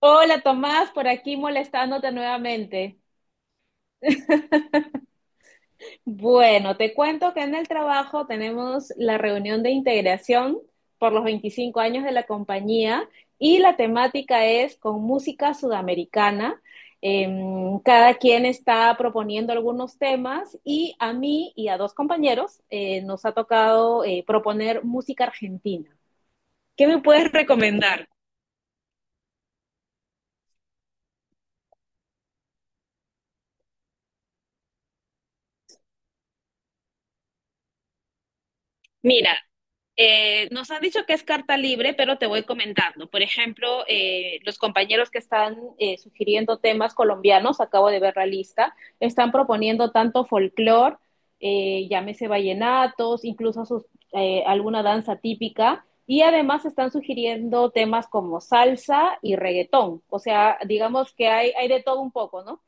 Hola Tomás, por aquí molestándote nuevamente. Bueno, te cuento que en el trabajo tenemos la reunión de integración por los 25 años de la compañía y la temática es con música sudamericana. Cada quien está proponiendo algunos temas y a mí y a dos compañeros nos ha tocado proponer música argentina. ¿Qué me puedes recomendar? Mira, nos han dicho que es carta libre, pero te voy comentando. Por ejemplo, los compañeros que están sugiriendo temas colombianos, acabo de ver la lista, están proponiendo tanto folclore, llámese vallenatos, incluso sus, alguna danza típica, y además están sugiriendo temas como salsa y reggaetón. O sea, digamos que hay de todo un poco, ¿no?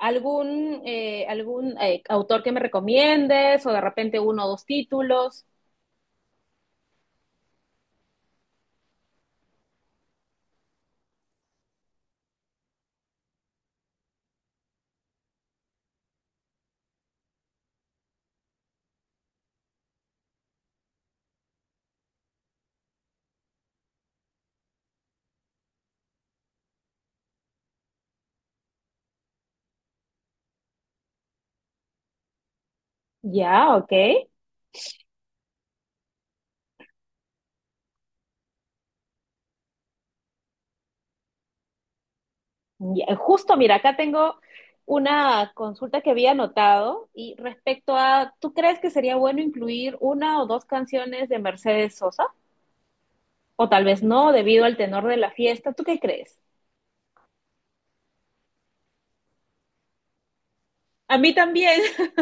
¿Algún autor que me recomiendes o de repente uno o dos títulos? Ya, ok. Ya, justo, mira, acá tengo una consulta que había anotado y respecto a, ¿tú crees que sería bueno incluir una o dos canciones de Mercedes Sosa? O tal vez no, debido al tenor de la fiesta. ¿Tú qué crees? A mí también.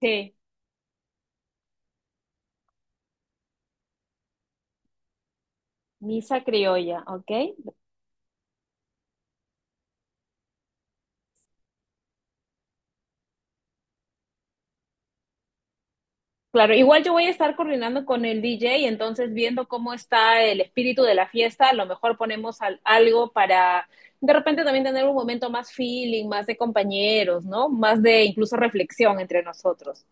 Sí, Misa Criolla, ok. Claro, igual yo voy a estar coordinando con el DJ, entonces viendo cómo está el espíritu de la fiesta, a lo mejor ponemos algo para de repente también tener un momento más feeling, más de compañeros, ¿no? Más de incluso reflexión entre nosotros.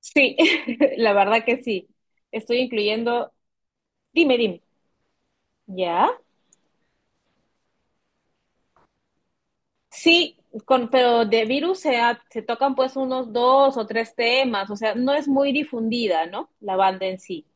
Sí, la verdad que sí. Estoy incluyendo, dime, dime, ¿ya? Sí, con, pero de virus se tocan pues unos dos o tres temas, o sea, no es muy difundida, ¿no? La banda en sí.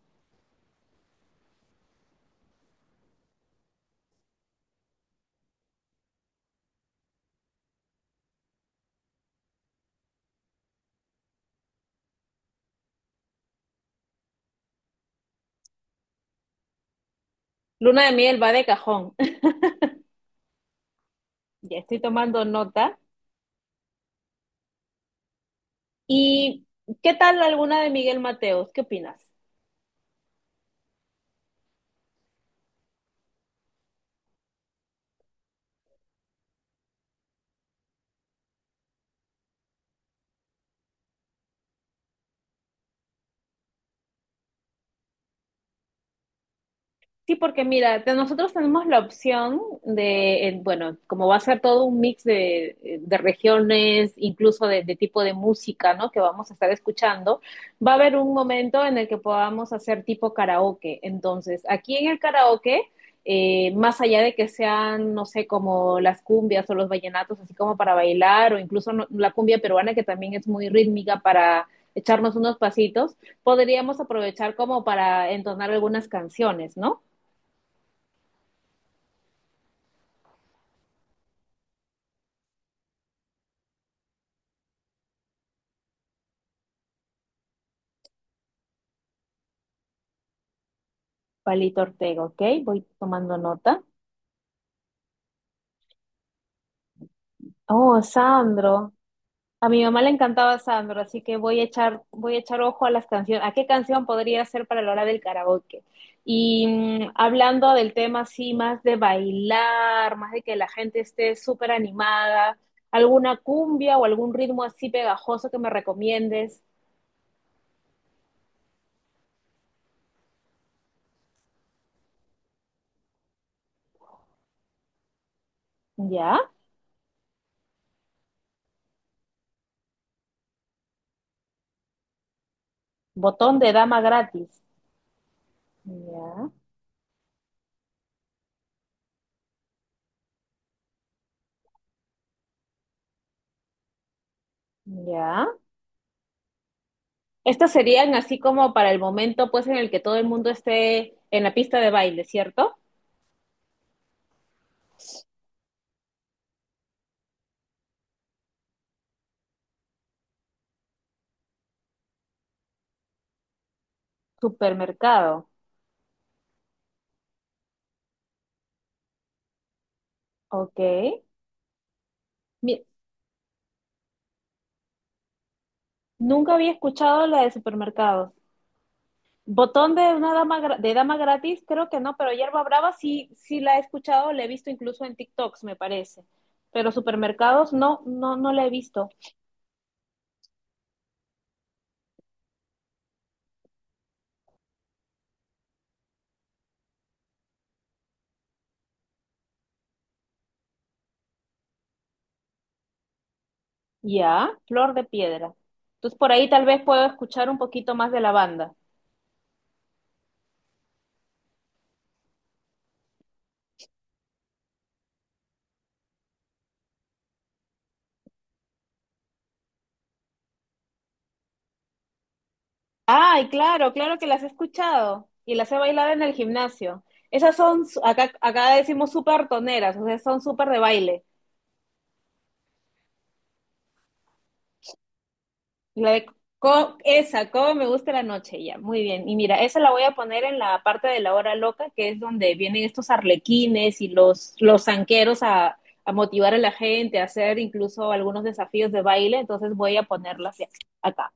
Luna de miel va de cajón. Ya estoy tomando nota. ¿Y qué tal alguna de Miguel Mateos? ¿Qué opinas? Sí, porque mira, nosotros tenemos la opción bueno, como va a ser todo un mix de regiones, incluso de tipo de música, ¿no? Que vamos a estar escuchando, va a haber un momento en el que podamos hacer tipo karaoke. Entonces, aquí en el karaoke, más allá de que sean, no sé, como las cumbias o los vallenatos, así como para bailar, o incluso la cumbia peruana, que también es muy rítmica para echarnos unos pasitos, podríamos aprovechar como para entonar algunas canciones, ¿no? Palito Ortega, ¿ok? Voy tomando nota. Oh, Sandro. A mi mamá le encantaba Sandro, así que voy a echar ojo a las canciones, a qué canción podría ser para la hora del karaoke. Y hablando del tema así, más de bailar, más de que la gente esté súper animada, alguna cumbia o algún ritmo así pegajoso que me recomiendes. ¿Ya? Botón de dama gratis. ¿Ya? ¿Ya? Estas serían así como para el momento, pues, en el que todo el mundo esté en la pista de baile, ¿cierto? Supermercado. Ok. Mi- Nunca había escuchado la de supermercado. Botón de dama gratis, creo que no, pero hierba brava sí, sí la he escuchado, la he visto incluso en TikToks, me parece. Pero supermercados no, no, no la he visto. Ya, flor de piedra. Entonces por ahí tal vez puedo escuchar un poquito más de la banda. Ay, claro, claro que las he escuchado y las he bailado en el gimnasio. Esas son, su- acá, acá decimos súper toneras, o sea, son súper de baile. Y la de esa, cómo me gusta la noche, ya, muy bien. Y mira, esa la voy a poner en la parte de la hora loca, que es donde vienen estos arlequines y los zanqueros a motivar a la gente, a hacer incluso algunos desafíos de baile. Entonces voy a ponerlas ya, acá.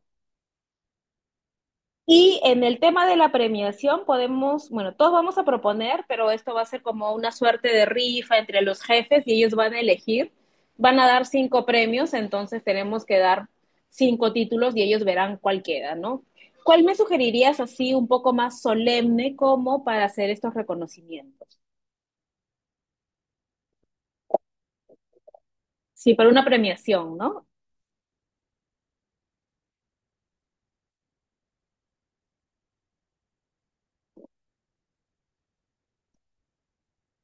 Y en el tema de la premiación podemos, bueno, todos vamos a proponer, pero esto va a ser como una suerte de rifa entre los jefes y ellos van a elegir. Van a dar cinco premios, entonces tenemos que dar cinco títulos y ellos verán cuál queda, ¿no? ¿Cuál me sugerirías así un poco más solemne como para hacer estos reconocimientos? Sí, para una premiación, ¿no?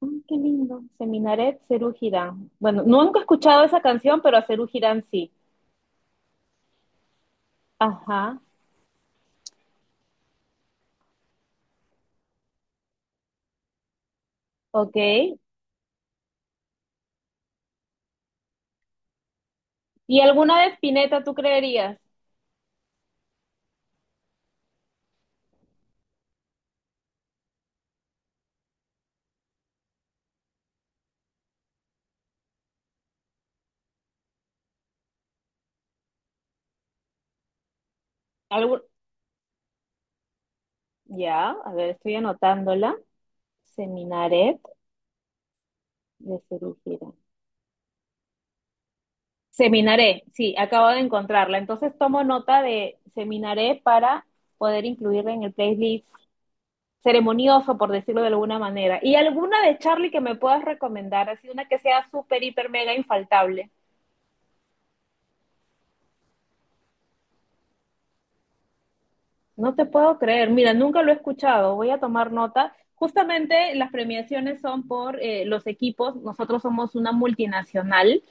Mm, qué lindo. Seminaret Serú Girán. Bueno, nunca he escuchado esa canción, pero a Serú Girán sí. Ajá, ok. ¿Y alguna de Spinetta tú creerías? ¿Algún... Ya, a ver, estoy anotándola. Seminaret de Cerúgira. Seminaré, sí, acabo de encontrarla. Entonces tomo nota de Seminaré para poder incluirla en el playlist ceremonioso, por decirlo de alguna manera. ¿Y alguna de Charlie que me puedas recomendar? Así una que sea súper, hiper, mega infaltable. No te puedo creer. Mira, nunca lo he escuchado. Voy a tomar nota. Justamente las premiaciones son por los equipos. Nosotros somos una multinacional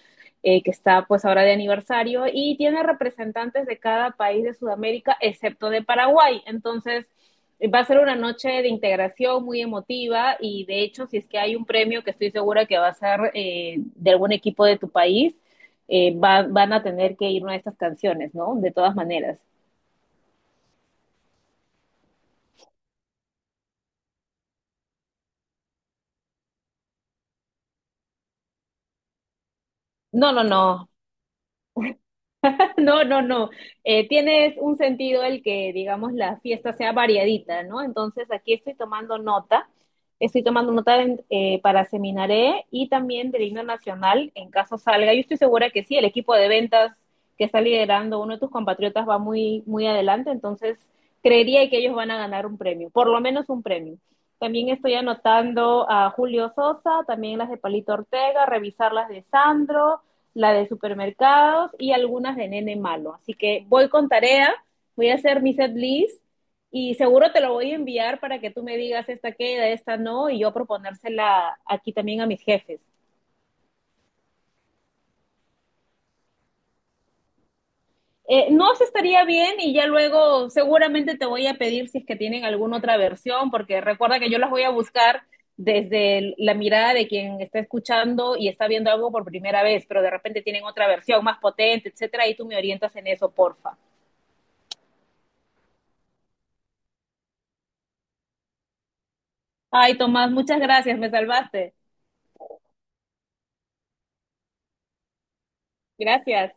que está pues ahora de aniversario y tiene representantes de cada país de Sudamérica, excepto de Paraguay. Entonces, va a ser una noche de integración muy emotiva y de hecho, si es que hay un premio que estoy segura que va a ser de algún equipo de tu país, van a tener que ir una de estas canciones, ¿no? De todas maneras. No, no, no. No, no, no. Tiene un sentido el que, digamos, la fiesta sea variadita, ¿no? Entonces aquí estoy tomando nota. Estoy tomando nota para Seminaré y también del himno nacional en caso salga. Yo estoy segura que sí, el equipo de ventas que está liderando uno de tus compatriotas va muy, muy adelante, entonces creería que ellos van a ganar un premio, por lo menos un premio. También estoy anotando a Julio Sosa, también las de Palito Ortega, revisar las de Sandro, la de supermercados y algunas de nene malo. Así que voy con tarea, voy a hacer mi set list y seguro te lo voy a enviar para que tú me digas esta queda, esta no, y yo proponérsela aquí también a mis jefes. No se estaría bien y ya luego seguramente te voy a pedir si es que tienen alguna otra versión, porque recuerda que yo las voy a buscar desde la mirada de quien está escuchando y está viendo algo por primera vez, pero de repente tienen otra versión más potente, etcétera, y tú me orientas en eso, porfa. Ay, Tomás, muchas gracias, me salvaste. Gracias.